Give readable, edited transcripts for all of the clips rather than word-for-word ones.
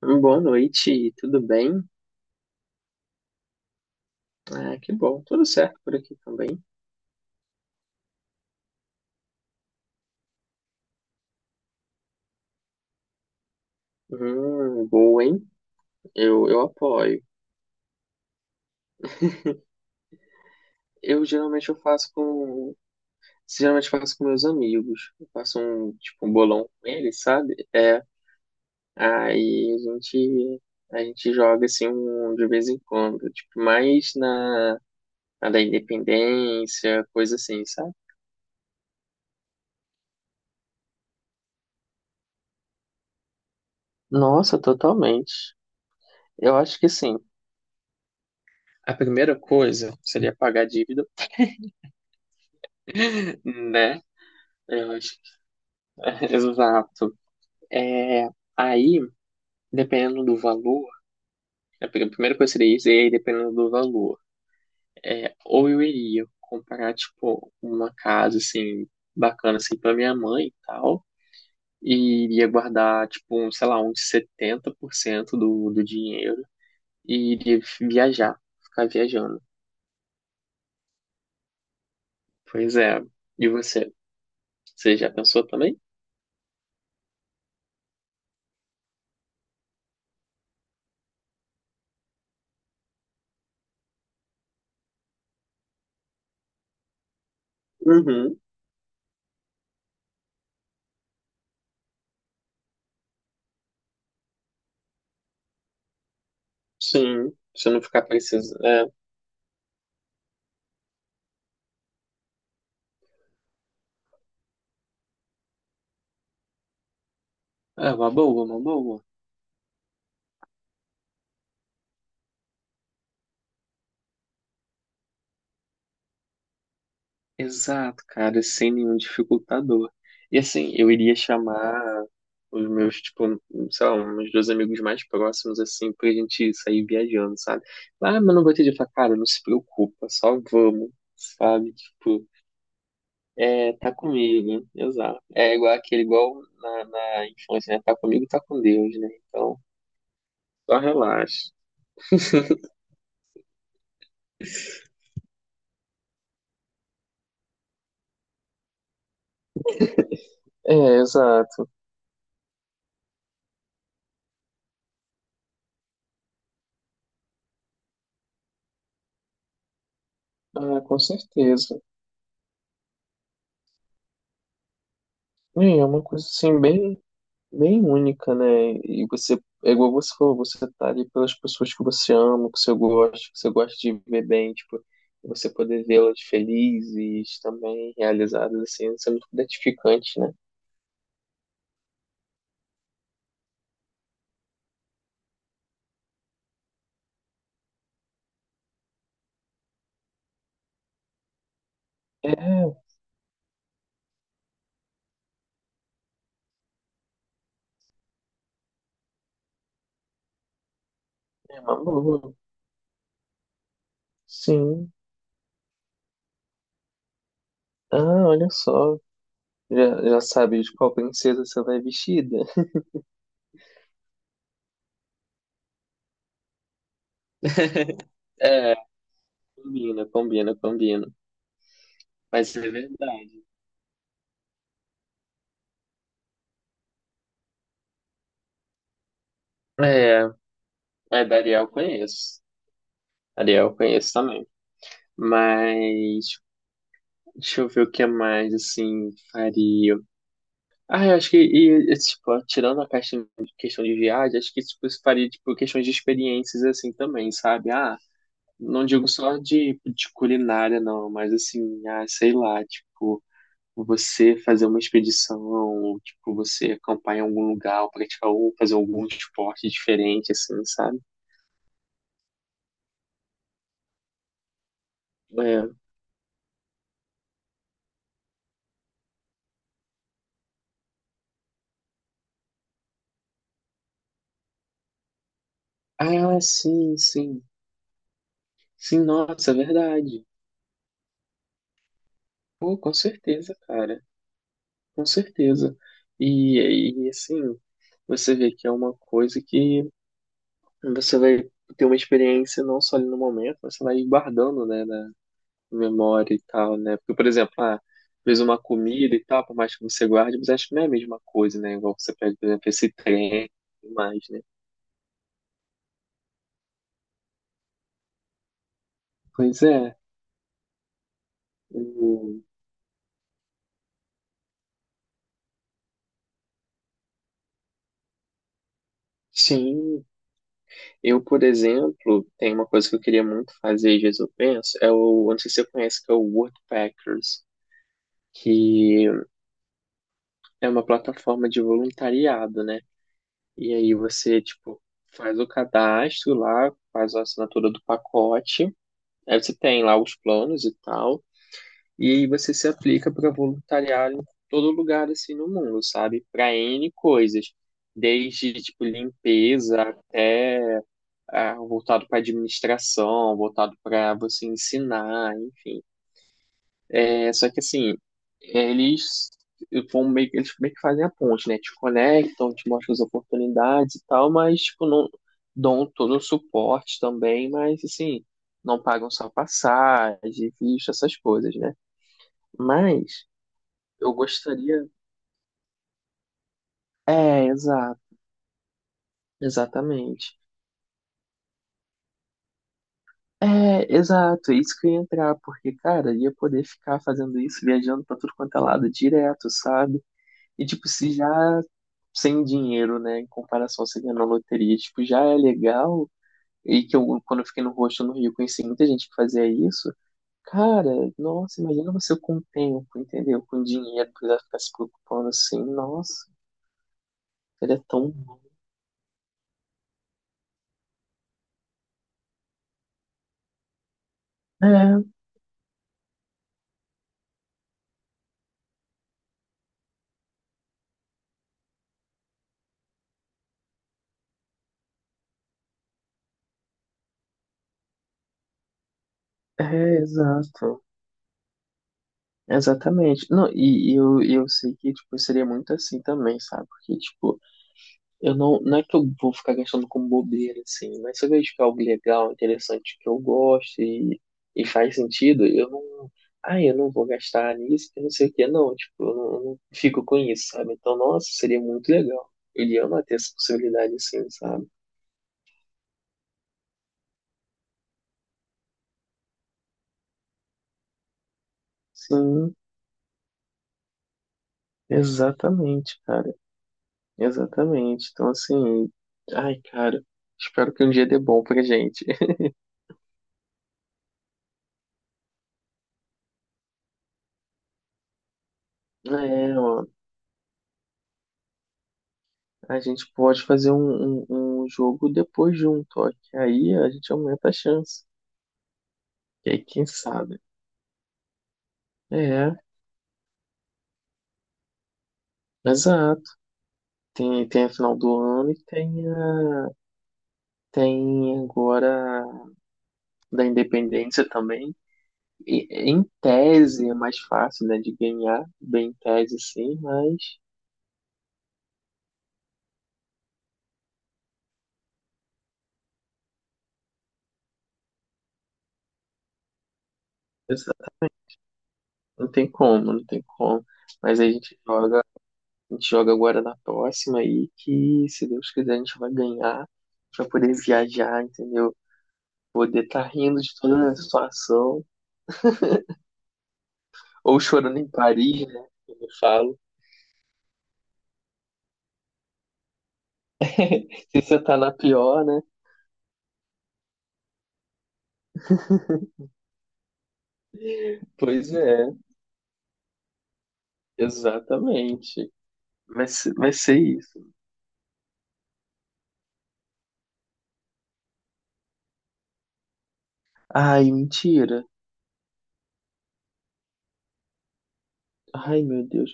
Boa noite, tudo bem? Ah, que bom, tudo certo por aqui também. Boa, hein? Eu apoio. Eu geralmente eu faço com, Geralmente faço com meus amigos. Eu faço um, tipo, um bolão com eles, sabe? Aí a gente, a gente joga assim um, de vez em quando, tipo, na da independência, coisa assim, sabe? Nossa, totalmente. Eu acho que sim. A primeira coisa seria pagar a dívida, né? Eu acho. Exato. É, aí, dependendo do valor, a primeira coisa seria isso, e aí dependendo do valor. É, ou eu iria comprar, tipo, uma casa, assim, bacana, assim, pra minha mãe e tal, e iria guardar, tipo, um, sei lá, uns 70% do dinheiro e iria viajar, ficar viajando. Pois é. E você? Você já pensou também? Uhum, sim. Se eu não ficar precisando. É, é uma boa, uma boa. Exato, cara, sem nenhum dificultador. E assim, eu iria chamar os meus, tipo, sei lá, uns dois amigos mais próximos, assim, pra gente sair viajando, sabe? Ah, mas não vou te dizer, cara, não se preocupa, só vamos, sabe? Tipo, é, tá comigo, né? Exato. É igual aquele, igual na infância, né? Tá comigo, tá com Deus, né? Então, só relaxa. É, exato. Ah, com certeza. É uma coisa assim, bem, bem única, né? E você, é igual você falou, você tá ali pelas pessoas que você ama, que você gosta de ver bem, tipo, você poder vê-las felizes também, realizadas, assim, isso é muito gratificante, né? É, é uma boa. Sim. Ah, olha só. Já, já sabe de qual princesa você vai vestida? É, combina, combina, combina. Mas é verdade. É, é da Ariel eu conheço. Ariel eu conheço também. Mas deixa eu ver o que mais, assim, faria. Ah, eu acho que, tipo, tirando a questão, questão de viagem, acho que, tipo, isso faria, tipo, questões de experiências, assim, também, sabe? Ah, não digo só de culinária, não, mas, assim, ah, sei lá, tipo, você fazer uma expedição, ou, tipo, você acampar em algum lugar, ou praticar, ou fazer algum esporte diferente, assim, sabe? É. Ah, sim, sim. Sim, nossa, é verdade. Pô, com certeza, cara. Com certeza. Assim, você vê que é uma coisa que você vai ter uma experiência não só ali no momento, mas você vai guardando, né, na memória e tal, né? Porque, por exemplo, ah, fez uma comida e tal, por mais que você guarde, mas acho que não é a mesma coisa, né? Igual você pede, por exemplo, esse trem e mais, né? Pois é. o- Sim, eu, por exemplo, tem uma coisa que eu queria muito fazer, às vezes eu penso, é o, eu não sei se você conhece, que é o Woodpeckers que é uma plataforma de voluntariado, né? E aí você, tipo, faz o cadastro lá, faz a assinatura do pacote, aí você tem lá os planos e tal, e aí você se aplica para voluntariar em todo lugar assim no mundo, sabe? Para N coisas, desde tipo limpeza até ah, voltado para administração, voltado para você ensinar, enfim. É, só que assim, é, eles vão meio, eles meio que fazem a ponte, né? Te conectam, te mostram as oportunidades e tal, mas tipo, não dão todo o suporte também, mas assim, não pagam só passagem, visto, essas coisas, né? Mas eu gostaria. É, exato, exatamente. É, exato, é isso que eu ia entrar, porque, cara, eu ia poder ficar fazendo isso, viajando pra tudo quanto é lado direto, sabe? E, tipo, se já sem dinheiro, né, em comparação a você ganhar na loteria, tipo, já é legal. E que eu, quando eu fiquei no rosto no Rio, conheci muita gente que fazia isso. Cara, nossa, imagina você com o tempo, entendeu? Com dinheiro, precisar ficar se preocupando assim. Nossa, ele é tão bom. É, exato. Exatamente. Não, e eu sei que, tipo, seria muito assim também, sabe? Porque, tipo, Eu não, não é que eu vou ficar gastando com bobeira, assim, mas se eu vejo que é algo legal, interessante, que eu gosto e faz sentido, eu não. Ah, eu não vou gastar nisso, que não sei o quê, não. Tipo, eu não fico com isso, sabe? Então, nossa, seria muito legal. Ele ama ter essa possibilidade, assim, sabe? Sim, exatamente, cara. Exatamente. Então, assim, ai, cara, espero que um dia dê bom pra gente. É, a gente pode fazer um jogo depois junto, ó, que aí a gente aumenta a chance. E aí, quem sabe? É, exato. Tem, tem a final do ano e tem, a, tem agora a da Independência também. E, em tese é mais fácil, né, de ganhar, bem em tese sim, mas exa- não tem como, não tem como. Mas aí a gente joga agora na próxima aí, que se Deus quiser a gente vai ganhar para poder viajar, entendeu? Poder estar rindo de toda a situação, ou chorando em Paris, né? Como eu falo. Se você tá na pior, né? Pois é, exatamente. Vai ser isso. Ai, mentira. Ai, meu Deus.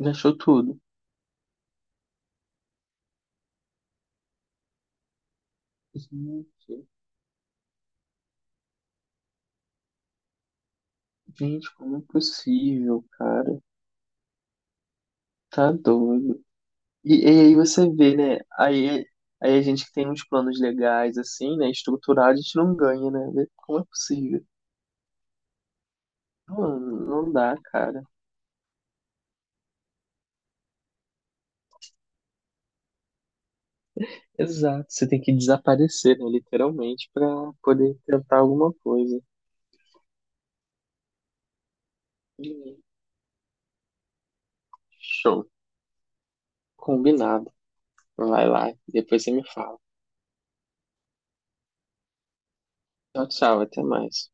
Me achou tudo. Gente, gente, como é possível, cara? Tá doido. Aí você vê, né? Aí a gente que tem uns planos legais, assim, né? Estruturado, a gente não ganha, né? Vê. Como é possível? Mano, não dá, cara. Exato, você tem que desaparecer, né, literalmente, para poder tentar alguma coisa. Show, combinado. Vai lá, depois você me fala. Tchau, tchau, até mais.